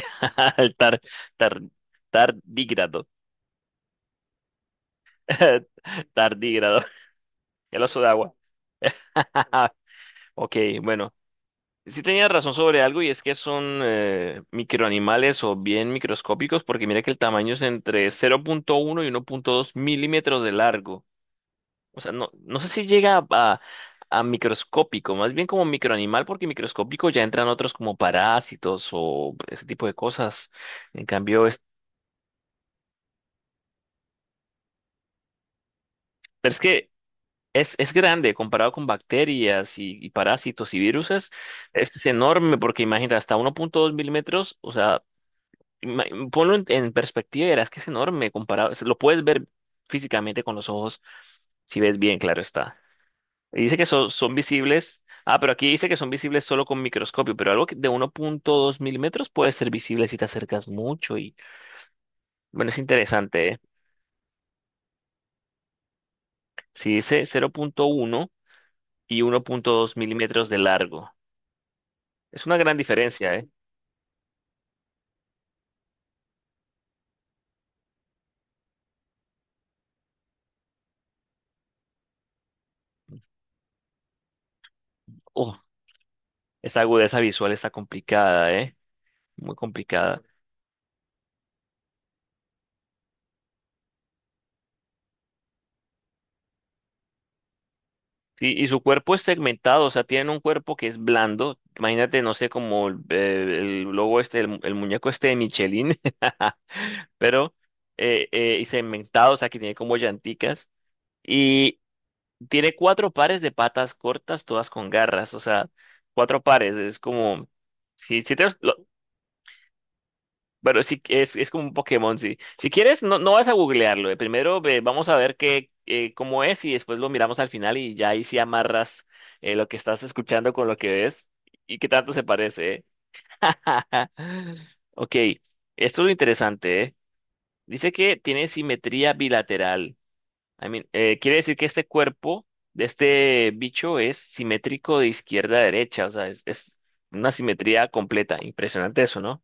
El tar, tar, tardígrado. Tardígrado. El oso de agua. Ok, bueno. Sí tenía razón sobre algo y es que son microanimales o bien microscópicos, porque mira que el tamaño es entre 0,1 y 1,2 milímetros de largo. O sea, no sé si llega a microscópico, más bien como microanimal, porque microscópico ya entran otros como parásitos o ese tipo de cosas. En cambio, es, pero es que Es grande comparado con bacterias y parásitos y viruses. Este es enorme porque imagínate, hasta uno punto dos milímetros, o sea, ima- ponlo en perspectiva y verás que es enorme comparado. Lo puedes ver físicamente con los ojos, si ves bien, claro está. Y dice que son visibles. Ah, pero aquí dice que son visibles solo con microscopio, pero algo de uno punto dos milímetros puede ser visible si te acercas mucho y bueno, es interesante, ¿eh? Si dice cero punto uno y uno punto dos milímetros de largo. Es una gran diferencia, ¿eh? Oh, esa agudeza visual está complicada, ¿eh? Muy complicada. Sí, y su cuerpo es segmentado, o sea, tienen un cuerpo que es blando. Imagínate, no sé, como el logo este, el, el muñeco este de Michelin, pero y segmentado, o sea, que tiene como llanticas. Y tiene cuatro pares de patas cortas, todas con garras, o sea, cuatro pares. Es como, si, si te, Bueno, sí, es como un Pokémon, sí. Si quieres, no, no vas a googlearlo. Primero vamos a ver qué, cómo es y después lo miramos al final y ya ahí sí amarras lo que estás escuchando con lo que ves y qué tanto se parece. Ok, esto es lo interesante, ¿eh? Dice que tiene simetría bilateral. I mean, quiere decir que este cuerpo de este bicho es simétrico de izquierda a derecha, o sea, es una simetría completa. Impresionante eso, ¿no?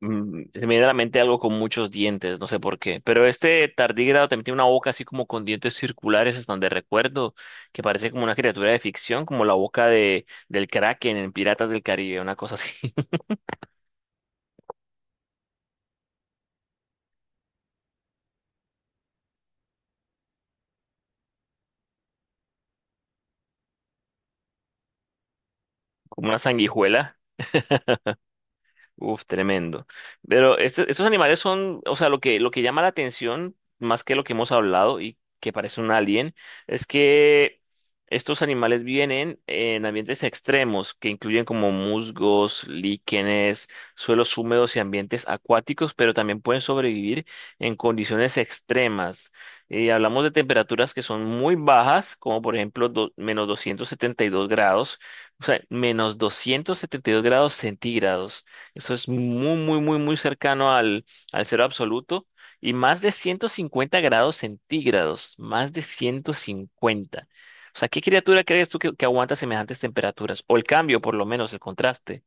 Se me viene a la mente algo con muchos dientes, no sé por qué. Pero este tardígrado también tiene una boca así como con dientes circulares, hasta donde recuerdo, que parece como una criatura de ficción, como la boca de, del Kraken en Piratas del Caribe, una cosa así. Como una sanguijuela. Uf, tremendo. Pero estos animales son, o sea, lo que llama la atención, más que lo que hemos hablado y que parece un alien, es que estos animales vienen en ambientes extremos, que incluyen como musgos, líquenes, suelos húmedos y ambientes acuáticos, pero también pueden sobrevivir en condiciones extremas. Y hablamos de temperaturas que son muy bajas, como por ejemplo -272 grados, o sea, -272 grados centígrados. Eso es muy, muy, muy, muy cercano al, al cero absoluto, y más de 150 grados centígrados, más de 150. O sea, ¿qué criatura crees tú que aguanta semejantes temperaturas? O el cambio, por lo menos, el contraste.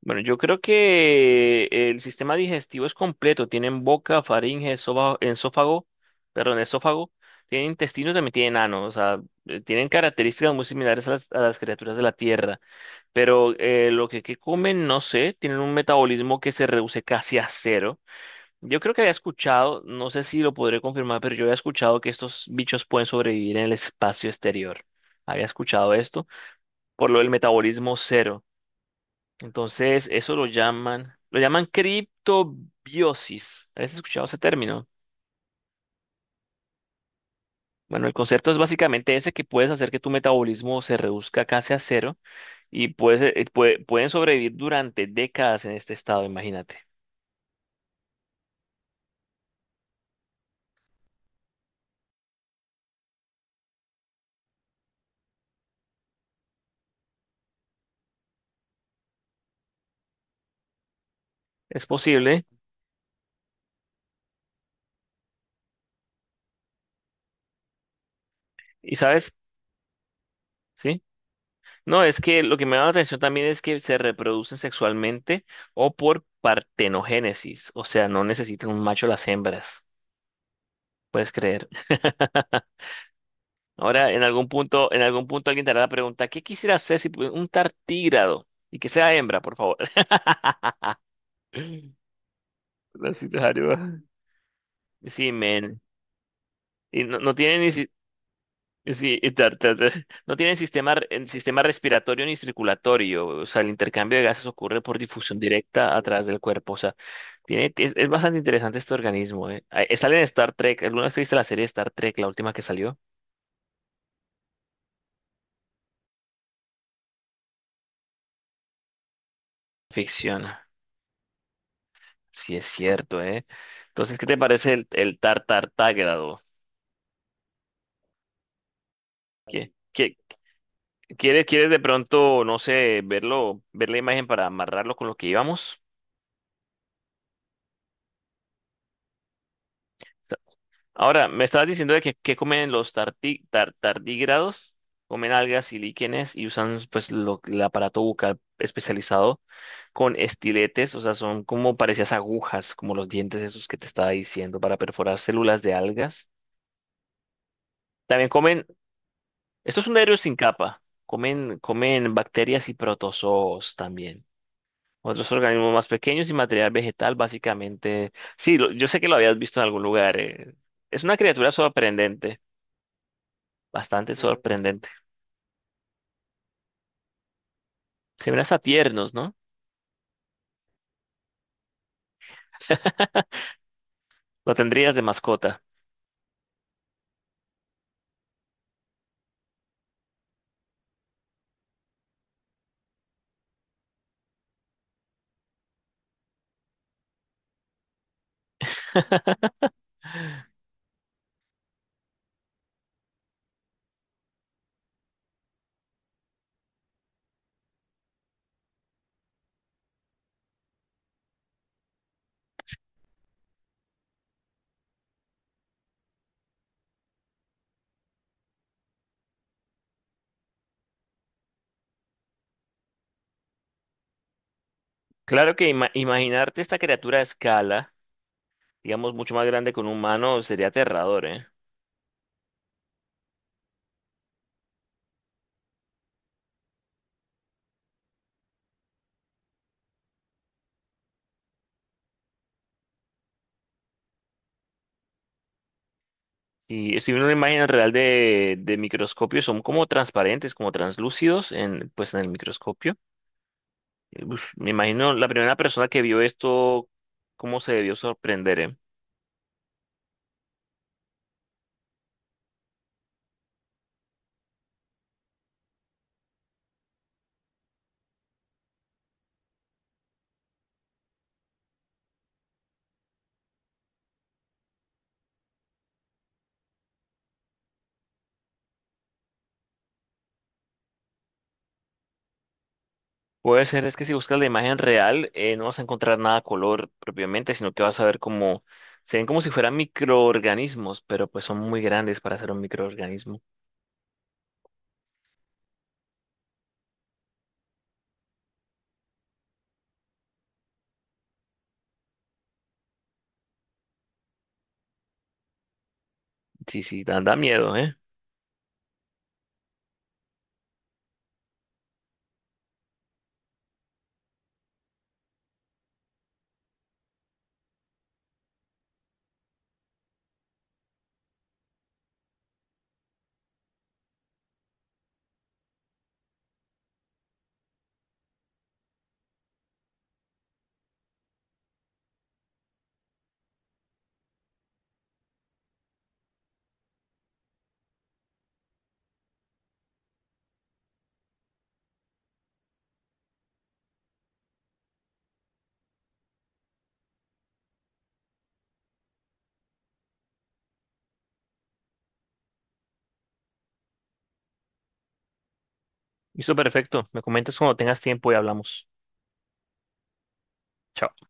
Bueno, yo creo que el sistema digestivo es completo. Tienen boca, faringe, esófago, perdón, esófago. Tienen intestinos, también tienen ano. O sea, tienen características muy similares a las criaturas de la Tierra. Pero lo que comen, no sé, tienen un metabolismo que se reduce casi a cero. Yo creo que había escuchado, no sé si lo podré confirmar, pero yo había escuchado que estos bichos pueden sobrevivir en el espacio exterior. Había escuchado esto, por lo del metabolismo cero. Entonces, eso lo llaman, criptobiosis. ¿Habías escuchado ese término? Bueno, el concepto es básicamente ese, que puedes hacer que tu metabolismo se reduzca casi a cero y puedes, pueden sobrevivir durante décadas en este estado, imagínate. Es posible. ¿Y sabes? Sí. No, es que lo que me da la atención también es que se reproducen sexualmente o por partenogénesis. O sea, no necesitan un macho las hembras. Puedes creer. Ahora, en algún punto, alguien te hará la pregunta, ¿qué quisiera hacer si un tartígrado? Y que sea hembra, por favor. Así te haría. Sí, men. Y no, no tiene ni, Sí, y no tienen sistema, en sistema respiratorio ni circulatorio, o sea, el intercambio de gases ocurre por difusión directa a través del cuerpo, o sea, es bastante interesante este organismo, ¿eh? Sale en Star Trek. ¿Alguna vez viste la serie de Star Trek, la última que salió? Ficción, sí es cierto, ¿eh? Entonces, ¿qué te parece el tartartágrado? ¿Qué, qué, quieres, quieres de pronto, no sé, verlo, ver la imagen para amarrarlo con lo que íbamos? Ahora, me estabas diciendo de que comen los tardígrados, comen algas y líquenes, y usan pues el aparato bucal especializado con estiletes, o sea, son como parecías agujas, como los dientes esos que te estaba diciendo, para perforar células de algas. También comen, estos son aéreos sin capa, comen, comen bacterias y protozoos también. Otros organismos más pequeños y material vegetal, básicamente. Sí, yo sé que lo habías visto en algún lugar. Es una criatura sorprendente. Bastante, mm, sorprendente. Se ven hasta tiernos, ¿no? Lo tendrías de mascota. Claro que imaginarte esta criatura a escala, digamos, mucho más grande que un humano, sería aterrador, ¿eh? Si, si una imagen real de microscopio, son como transparentes, como translúcidos en, pues, en el microscopio. Uf, me imagino la primera persona que vio esto, cómo se debió sorprender, ¿eh? Puede ser, es que si buscas la imagen real, no vas a encontrar nada a color propiamente, sino que vas a ver como, se ven como si fueran microorganismos, pero pues son muy grandes para ser un microorganismo. Sí, sí, da, da miedo, ¿eh? Listo, perfecto. Me comentas cuando tengas tiempo y hablamos. Chao.